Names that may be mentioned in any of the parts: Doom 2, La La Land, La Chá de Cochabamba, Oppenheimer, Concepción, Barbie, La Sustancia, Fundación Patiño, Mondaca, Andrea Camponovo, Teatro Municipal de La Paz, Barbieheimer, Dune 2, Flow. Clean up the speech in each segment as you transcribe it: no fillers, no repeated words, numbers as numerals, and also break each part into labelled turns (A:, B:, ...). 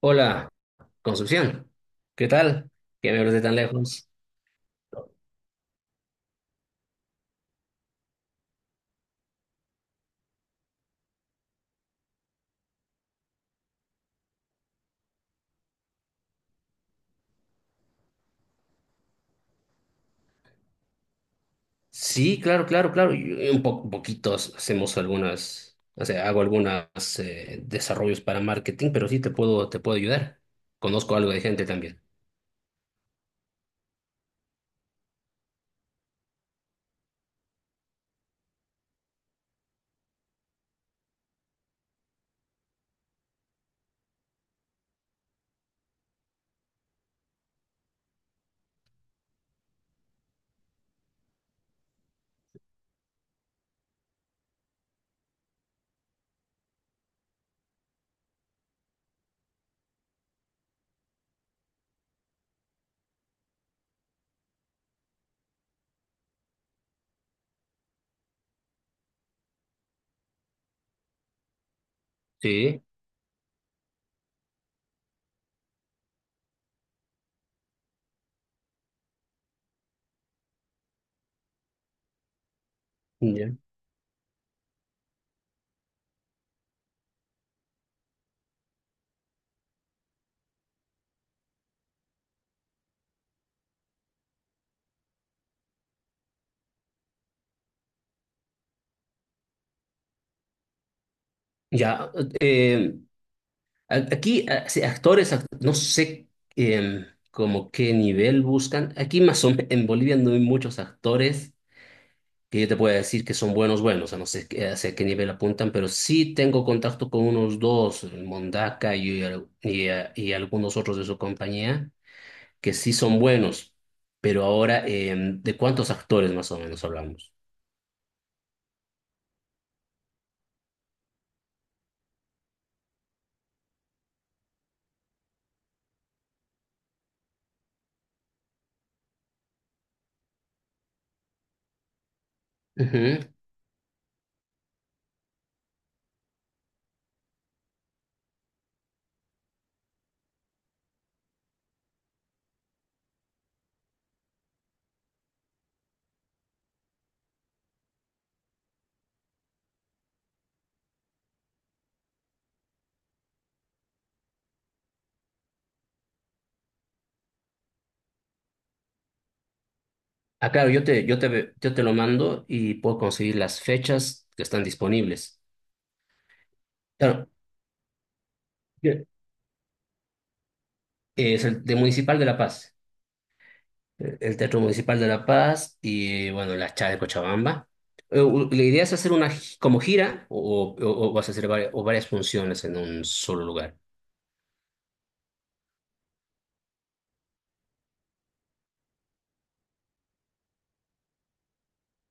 A: Hola, Concepción. ¿Qué tal? ¿Qué me ves de tan lejos? Sí, claro, claro, claro. Y poquitos hacemos algunas, o sea, hago algunos desarrollos para marketing, pero sí te puedo ayudar. Conozco algo de gente también. Sí, ya. Ya, eh, sí, no sé eh, como qué nivel buscan. Aquí más o menos, en Bolivia no hay muchos actores que yo te pueda decir que son buenos, buenos, a no sé hacia qué nivel apuntan, pero sí tengo contacto con unos dos, el Mondaca y algunos otros de su compañía, que sí son buenos, pero ahora, ¿de cuántos actores más o menos hablamos? Ujú. Ah, claro, yo te lo mando y puedo conseguir las fechas que están disponibles. Claro, bien. Es el de Municipal de La Paz. Eh, el Teatro Municipal de La Paz y, bueno, la Chá de Cochabamba. La idea es hacer como gira o, o vas a hacer varias, o varias funciones en un solo lugar.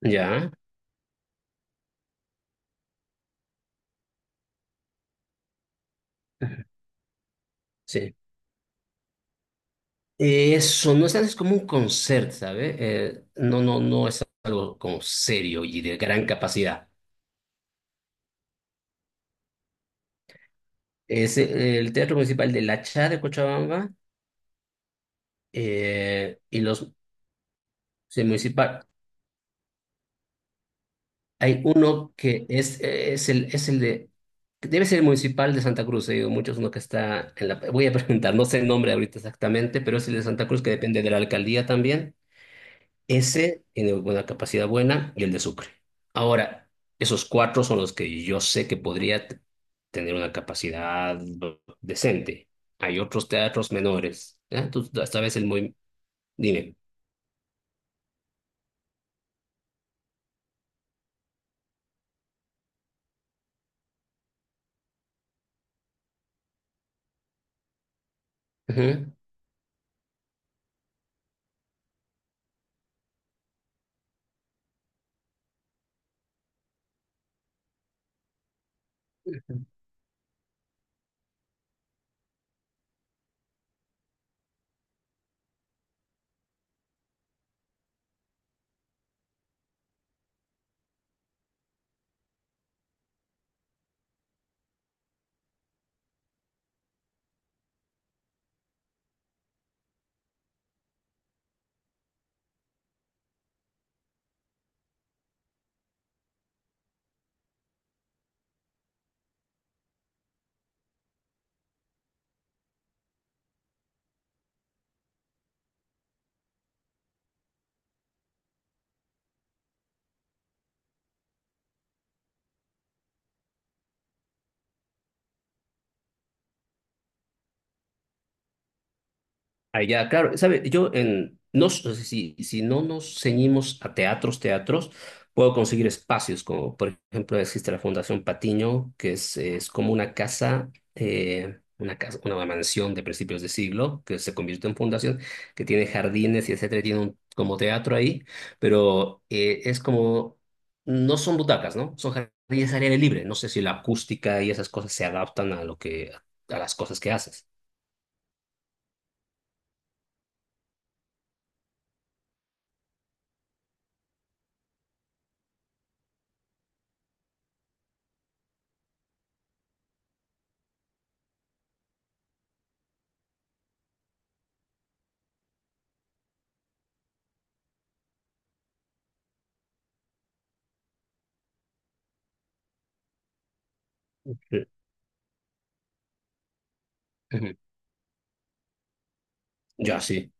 A: Ya, sí. Eso, no es, es como un concert, ¿sabes? No, no, no es algo como serio y de gran capacidad. Es el Teatro Municipal de La Chá de Cochabamba y los sí, municipal. Hay uno que es el de, que debe ser el municipal de Santa Cruz, he oído muchos, uno que está en la, voy a preguntar, no sé el nombre ahorita exactamente, pero es el de Santa Cruz que depende de la alcaldía también. Ese tiene una capacidad buena y el de Sucre. Ahora, esos cuatro son los que yo sé que tener una capacidad decente. Hay otros teatros menores, ¿eh? Esta vez el muy, dime. Ujú. Allá, claro, sabe, yo en si, si no nos ceñimos a teatros, puedo conseguir espacios como, por ejemplo, existe la Fundación Patiño, que es como una casa, una casa, una mansión de principios de siglo que se convirtió en fundación, que tiene jardines y etcétera, y tiene un, como teatro ahí, pero es como no son butacas, ¿no? Son jardines al aire libre. No sé si la acústica y esas cosas se adaptan a lo que a las cosas que haces. Mm, ujú. Ya, sí.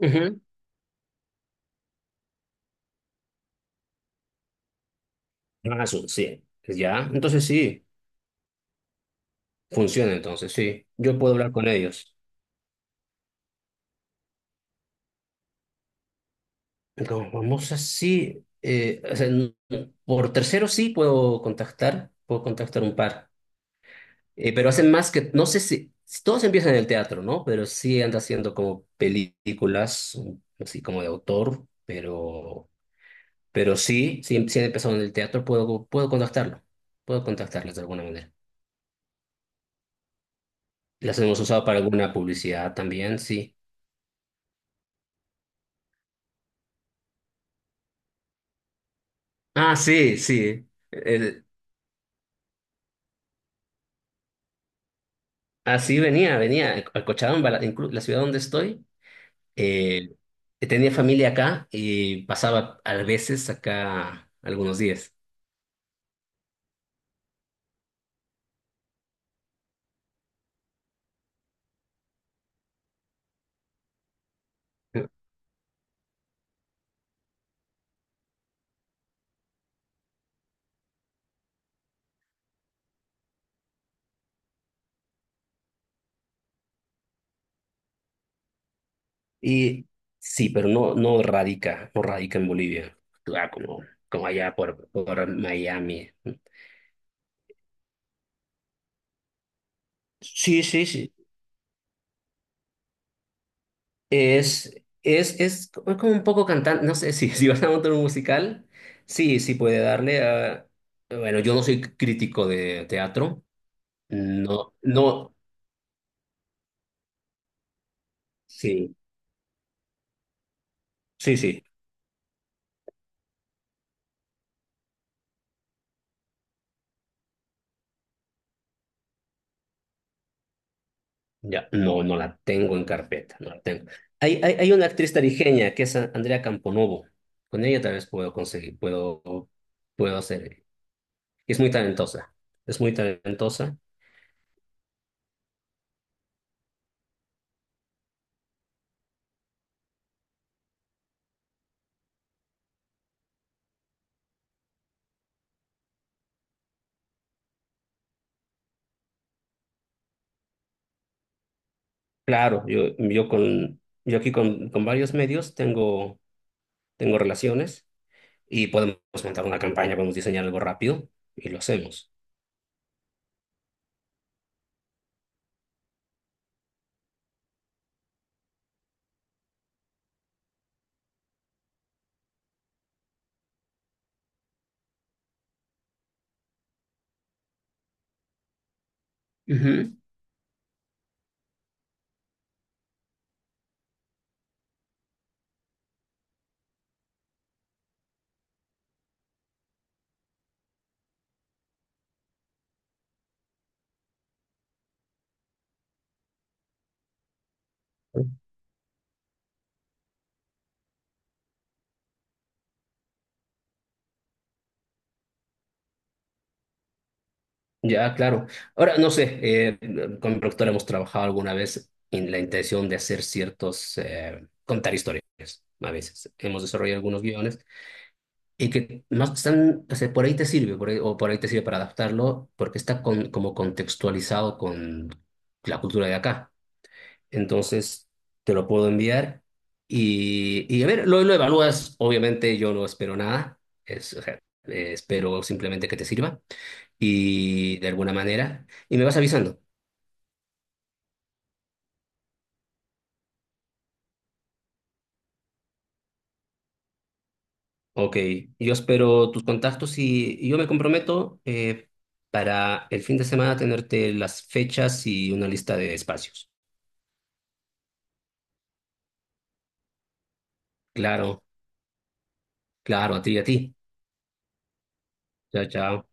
A: Ujú. Amazon, sí. Pues ya, entonces sí, funciona entonces, sí. Yo puedo hablar con ellos. No, vamos así. O sea, por tercero sí puedo contactar un par. Pero hacen más que, no sé si, si todos empiezan en el teatro, ¿no? Pero sí anda haciendo como películas, así como de autor, pero sí, sí, sí han empezado en el teatro, puedo, puedo contactarlo, puedo contactarlas de alguna manera. Las hemos usado para alguna publicidad también, sí. Ah, sí, sí. Así venía, venía a Cochabamba, la, la ciudad donde estoy. Eh, tenía familia acá y pasaba a veces acá algunos días. Y sí, pero no, no radica, no radica en Bolivia. Ah, como, como allá por Miami. Sí, sí, sí. Es, es como como un poco cantante, no sé, si, si vas a montar un musical, sí, sí puede darle a... Bueno, yo no soy crítico de teatro. No, no, sí, sí, sí, ya, no, no la tengo en carpeta, no la tengo. Hay una actriz tarijeña que es Andrea Camponovo, con ella tal vez puedo conseguir, puedo, puedo hacer, es muy talentosa, es muy talentosa. Claro, yo con, yo aquí con varios medios tengo, tengo relaciones y podemos montar una campaña, podemos diseñar algo rápido y lo hacemos. Ujú. Ya, claro. Ahora, no sé, con mi productor hemos trabajado alguna vez en la intención de hacer ciertos, contar historias, a veces. Hemos desarrollado algunos guiones y que más están, o sea, por ahí te sirve, o por ahí te sirve para adaptarlo, porque está como contextualizado con la cultura de acá. Entonces, te lo puedo enviar y a ver, lo evalúas. Obviamente, yo no espero nada, es, o sea, espero simplemente que te sirva y de alguna manera, y me vas avisando. Ok, yo espero tus contactos y yo me comprometo para el fin de semana tenerte las fechas y una lista de espacios. Claro, claro, a ti y a ti. Chao, chao.